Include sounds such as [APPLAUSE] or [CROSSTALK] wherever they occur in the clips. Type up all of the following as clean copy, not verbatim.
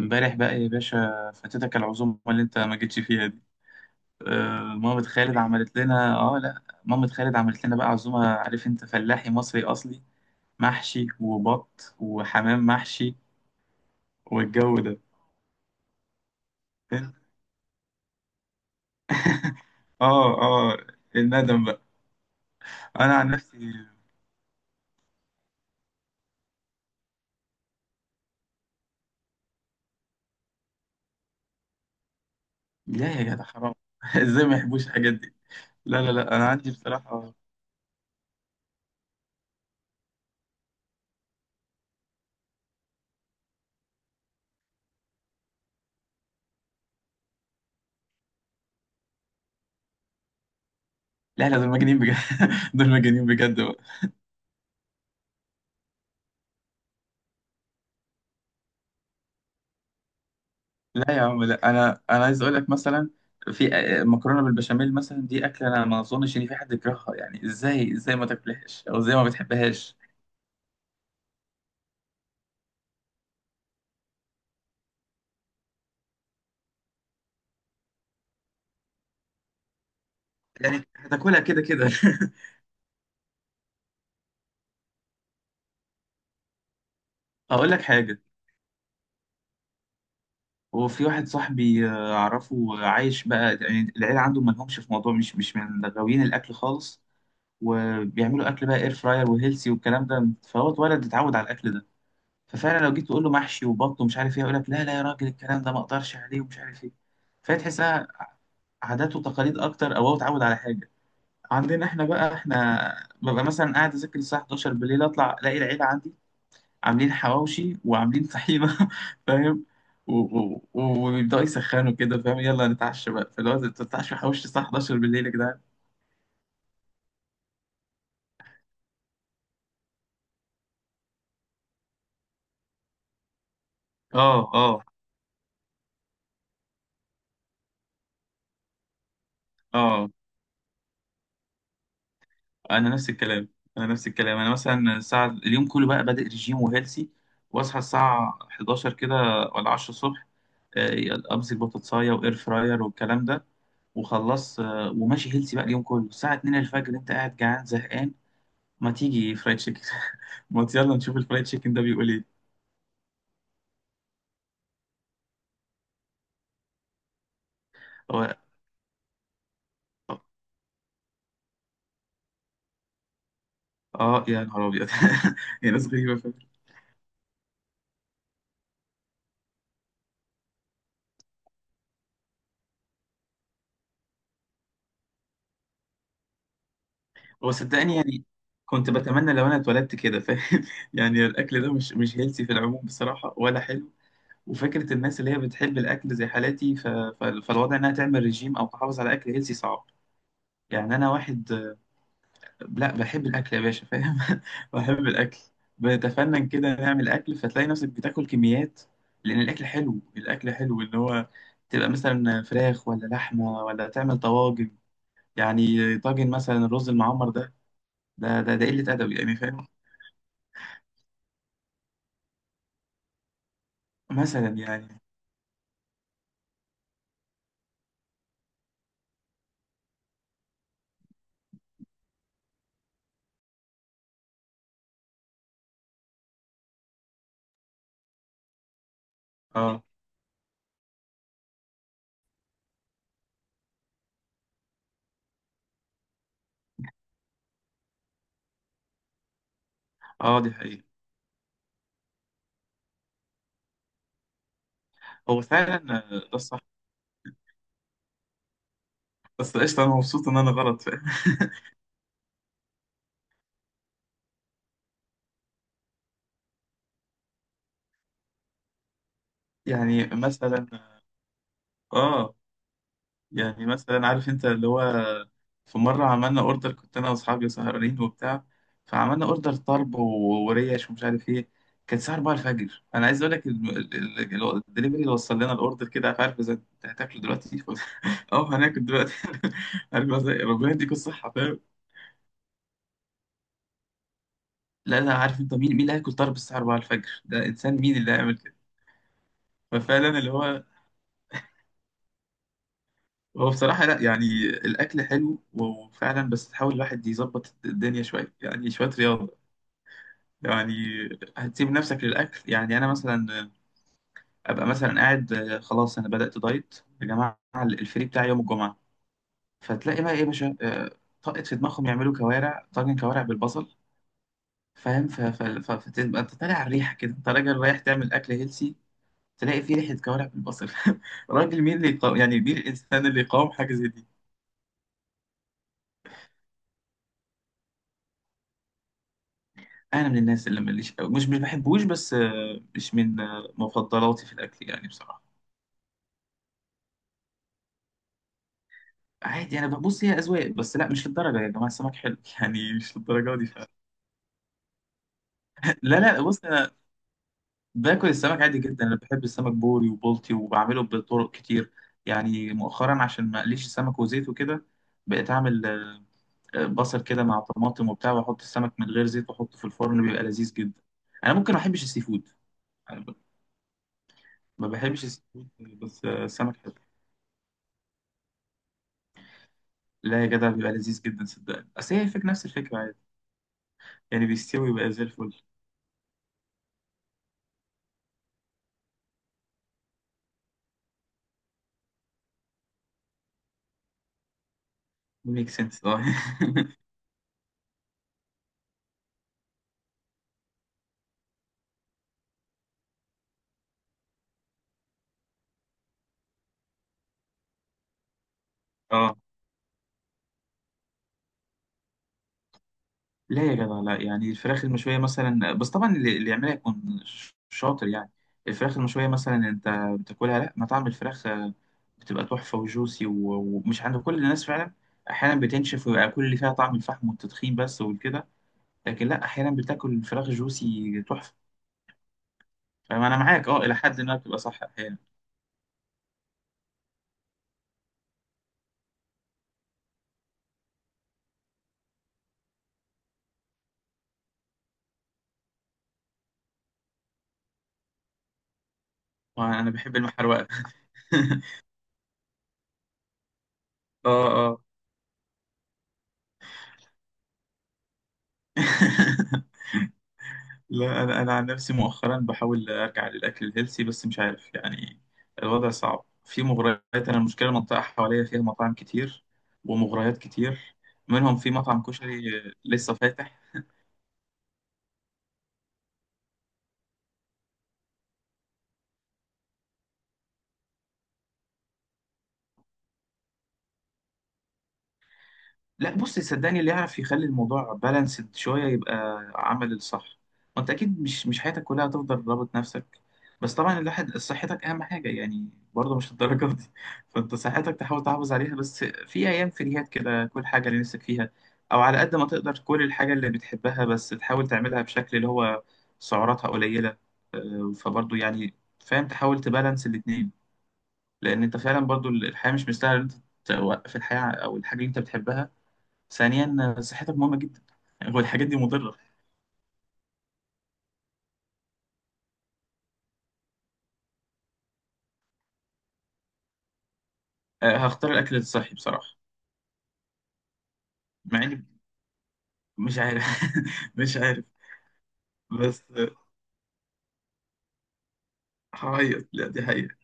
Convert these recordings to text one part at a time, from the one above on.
امبارح بقى يا باشا فاتتك العزومة اللي انت ما جيتش فيها دي. آه، مامة خالد عملت لنا اه لا مامة خالد عملت لنا بقى عزومة. عارف انت، فلاحي مصري اصلي، محشي وبط وحمام محشي والجو ده. اه اه الندم بقى. انا عن نفسي لا يا جدع، حرام [LAUGHS] ازاي ما يحبوش الحاجات دي. لا لا لا انا عندي بصراحة. لا لا، دول مجانين بجد. [LAUGHS] دول مجانين بجد. لا يا عم، لا، انا عايز اقول لك مثلا في مكرونه بالبشاميل مثلا، دي اكله انا ما اظنش ان في حد يكرهها. يعني ازاي، ازاي ما تاكلهاش او ازاي ما بتحبهاش؟ يعني هتاكلها كده كده. [LAUGHS] اقول لك حاجه، وفي واحد صاحبي، اعرفه، عايش بقى يعني العيله عنده ما لهمش في موضوع، مش من غاويين الاكل خالص. وبيعملوا اكل بقى اير فراير وهيلسي والكلام ده، فهو اتولد اتعود على الاكل ده. ففعلا لو جيت تقول له محشي وبط ومش عارف ايه، يقول لك لا لا يا راجل، الكلام ده ما اقدرش عليه ومش عارف ايه. فهي تحسها عادات وتقاليد اكتر، او هو اتعود على حاجه. عندنا احنا بقى، احنا ببقى مثلا قاعد اذاكر الساعه 11 بالليل، اطلع الاقي العيله عندي عاملين حواوشي وعاملين طحينه. [LAUGHS] فاهم، وبيبداوا يسخنوا كده. فاهم، يلا نتعشى بقى، فاللي هو تتعشى حواوشي الساعه 11 بالليل يا جدعان. اه اه اه انا نفس الكلام. انا نفس الكلام، انا مثلا الساعه اليوم كله بقى بادئ رجيم وهيلسي، واصحى الساعه 11 كده ولا 10 الصبح، امسك بطاطسايه واير فراير والكلام ده، وخلص. وماشي هيلسي بقى اليوم كله، الساعه 2 الفجر انت قاعد جعان زهقان، ما تيجي فرايد تشيكن. [LAUGHS] ما ت- يلا نشوف الفرايد تشيكن ده بيقول ايه. هو اه، يا نهار ابيض. [LAUGHS] يا ناس غريبه، فاهم. هو صدقني يعني كنت بتمنى لو انا اتولدت كده، فاهم. [LAUGHS] يعني الاكل ده مش هيلسي في العموم بصراحه ولا حلو. وفكرة الناس اللي هي بتحب الأكل زي حالاتي، فالوضع إنها تعمل رجيم أو تحافظ على أكل هيلسي صعب. يعني أنا واحد، لا، بحب الأكل يا باشا، فاهم. [LAUGHS] بحب الأكل، بنتفنن كده نعمل أكل، فتلاقي نفسك بتاكل كميات. لأن الأكل حلو، الأكل حلو إن هو تبقى مثلا فراخ ولا لحمة ولا تعمل طواجن. يعني طاجن مثلا الرز المعمر ده، ده قلة أدب يعني، فاهم. مثلا يعني. اه اه، دي حقيقة. هو فعلا، ده الصح. بس قشطة، أنا مبسوط إن أنا غلط، فاهم. [LAUGHS] يعني مثلا، اه، يعني مثلا عارف انت اللي هو في مرة عملنا اوردر، كنت انا واصحابي سهرانين وبتاع، فعملنا اوردر طرب وريش ومش عارف ايه. كان الساعة 4 الفجر، انا عايز اقول لك الدليفري اللي وصل لنا الاوردر كده عارف، عارف، اذا انت هتاكله دلوقتي؟ [LAUGHS] اه هناكل دلوقتي. [LAUGHS] عارف بس ربنا يديك الصحة، فاهم. لا لا، عارف انت مين، مين اللي هياكل طرب الساعة 4 الفجر؟ ده انسان، مين اللي هيعمل كده؟ ففعلا اللي هو، هو بصراحة لا، يعني الأكل حلو وفعلا، بس تحاول الواحد يظبط الدنيا شوية، يعني شوية رياضة يعني. هتسيب نفسك للأكل؟ يعني أنا مثلا أبقى مثلا قاعد، خلاص أنا بدأت دايت يا جماعة، الفري بتاعي يوم الجمعة، فتلاقي بقى إيه يا باشا، طاقت في دماغهم يعملوا كوارع، طاجن كوارع بالبصل. فاهم، فتبقى أنت طالع على الريحة كده، أنت راجل رايح تعمل أكل هيلسي، تلاقي فيه ريحة كوارع بالبصل. [LAUGHS] راجل مين اللي يقاوم، يعني مين الإنسان اللي يقاوم حاجة زي دي. انا من الناس اللي ماليش أوي. مش بحبوش، بس مش من مفضلاتي في الاكل يعني بصراحه. عادي انا ببص، هي اذواق، بس لا، مش للدرجه يا جماعه، السمك حلو. [LAUGHS] يعني مش للدرجه دي ف... [LAUGHS] لا لا، بص، انا باكل السمك عادي جدا. انا بحب السمك بوري وبلطي، وبعمله بطرق كتير. يعني مؤخرا عشان ما اقليش السمك وزيت وكده، بقيت اعمل بصل كده مع طماطم وبتاع، واحط السمك من غير زيت واحطه في الفرن، بيبقى لذيذ جدا. انا ممكن ما احبش السي فود. أنا ب- ما بحبش السي فود. بس السمك حلو. لا يا جدع بيبقى لذيذ جدا، صدقني، اصل هي الفكره نفس الفكره، عادي يعني بيستوي ويبقى زي الفل. ميك سنس، اه. [LAUGHS] اه، لا يا جدع لا، يعني الفراخ المشويه مثلا، بس طبعا اللي يعملها يكون شاطر يعني. الفراخ المشويه مثلا انت بتاكلها، لا، مطعم الفراخ، بتبقى تحفه وجوسي ومش عند كل الناس فعلا. احيانا بتنشف ويبقى كل اللي فيها طعم الفحم والتدخين بس وكده، لكن لا، احيانا بتاكل الفراخ جوسي تحفه. فانا معاك، اه، الى حد ما بتبقى صح احيانا. وانا بحب المحروقه. [LAUGHS] اه. [LAUGHS] لا، انا عن نفسي مؤخرا بحاول ارجع للاكل الهيلثي، بس مش عارف يعني، الوضع صعب، في مغريات. انا المشكله المنطقه حواليا فيها مطاعم كتير ومغريات كتير، منهم في مطعم كشري لسه فاتح. لا بص، صدقني، اللي يعرف يخلي الموضوع بالانسد شويه يبقى عمل الصح. وانت اكيد مش حياتك كلها هتفضل رابط نفسك. بس طبعا الواحد صحتك اهم حاجه، يعني برضه مش الدرجه دي. [LAUGHS] فانت صحتك تحاول تحافظ عليها، بس في ايام فريهات كده كل حاجه اللي نفسك فيها، او على قد ما تقدر كل الحاجه اللي بتحبها، بس تحاول تعملها بشكل اللي هو سعراتها قليله. فبرضه يعني، فاهم، تحاول تبالانس الاتنين، لان انت فعلا برضه الحياه مش مستاهله إن انت توقف الحياه او الحاجه اللي انت بتحبها. ثانيا صحتك مهمة جدا. هو الحاجات دي مضرة. هختار الأكل الصحي بصراحة. مع إني مش عارف. [LAUGHS] مش عارف. بس هعيط، لا، دي حقيقة.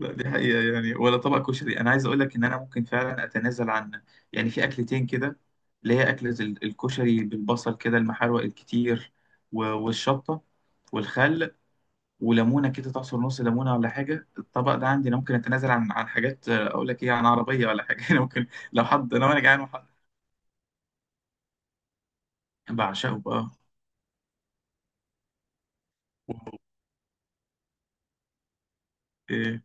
لا دي حقيقة، يعني ولا طبق كشري. أنا عايز أقول لك إن أنا ممكن فعلا أتنازل عن، يعني في أكلتين كده، اللي هي أكلة الكشري بالبصل كده المحروق الكتير والشطة والخل وليمونة كده، تعصر نص ليمونة ولا حاجة. الطبق ده عندي أنا ممكن أتنازل عن، عن حاجات، أقول لك إيه، عن عربية ولا حاجة. [LAUGHS] أنا ممكن لو حد، لو أنا جعان، بعشقه بقى. و- إيه.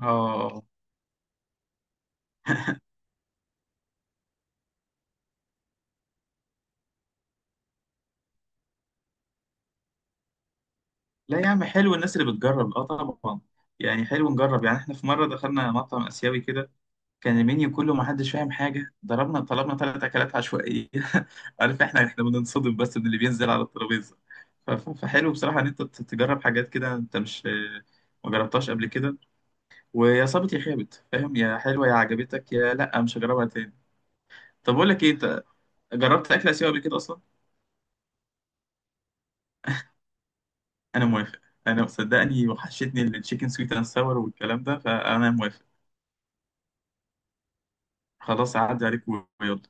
اه. لا يا عم حلو الناس اللي بتجرب، اه طبعا. يعني حلو نجرب، يعني احنا في مرة دخلنا مطعم آسيوي كده، كان المنيو كله ما حدش فاهم حاجة، ضربنا طلبنا 3 أكلات عشوائية. [LAUGHS] عارف احنا، احنا بننصدم بس من اللي بينزل على الترابيزة. فحلو بصراحة إن أنت تجرب حاجات كده أنت مش ما جربتهاش قبل كده. ويا صابت يا خابت، فاهم، يا حلوة يا عجبتك يا لأ مش هجربها تاني. طب أقول لك إيه، أنت جربت أكل آسيوي قبل كده أصلا؟ انا موافق. انا صدقني وحشتني التشيكن سويت اند ساور والكلام ده، فانا موافق. خلاص اعدي عليك ويلا.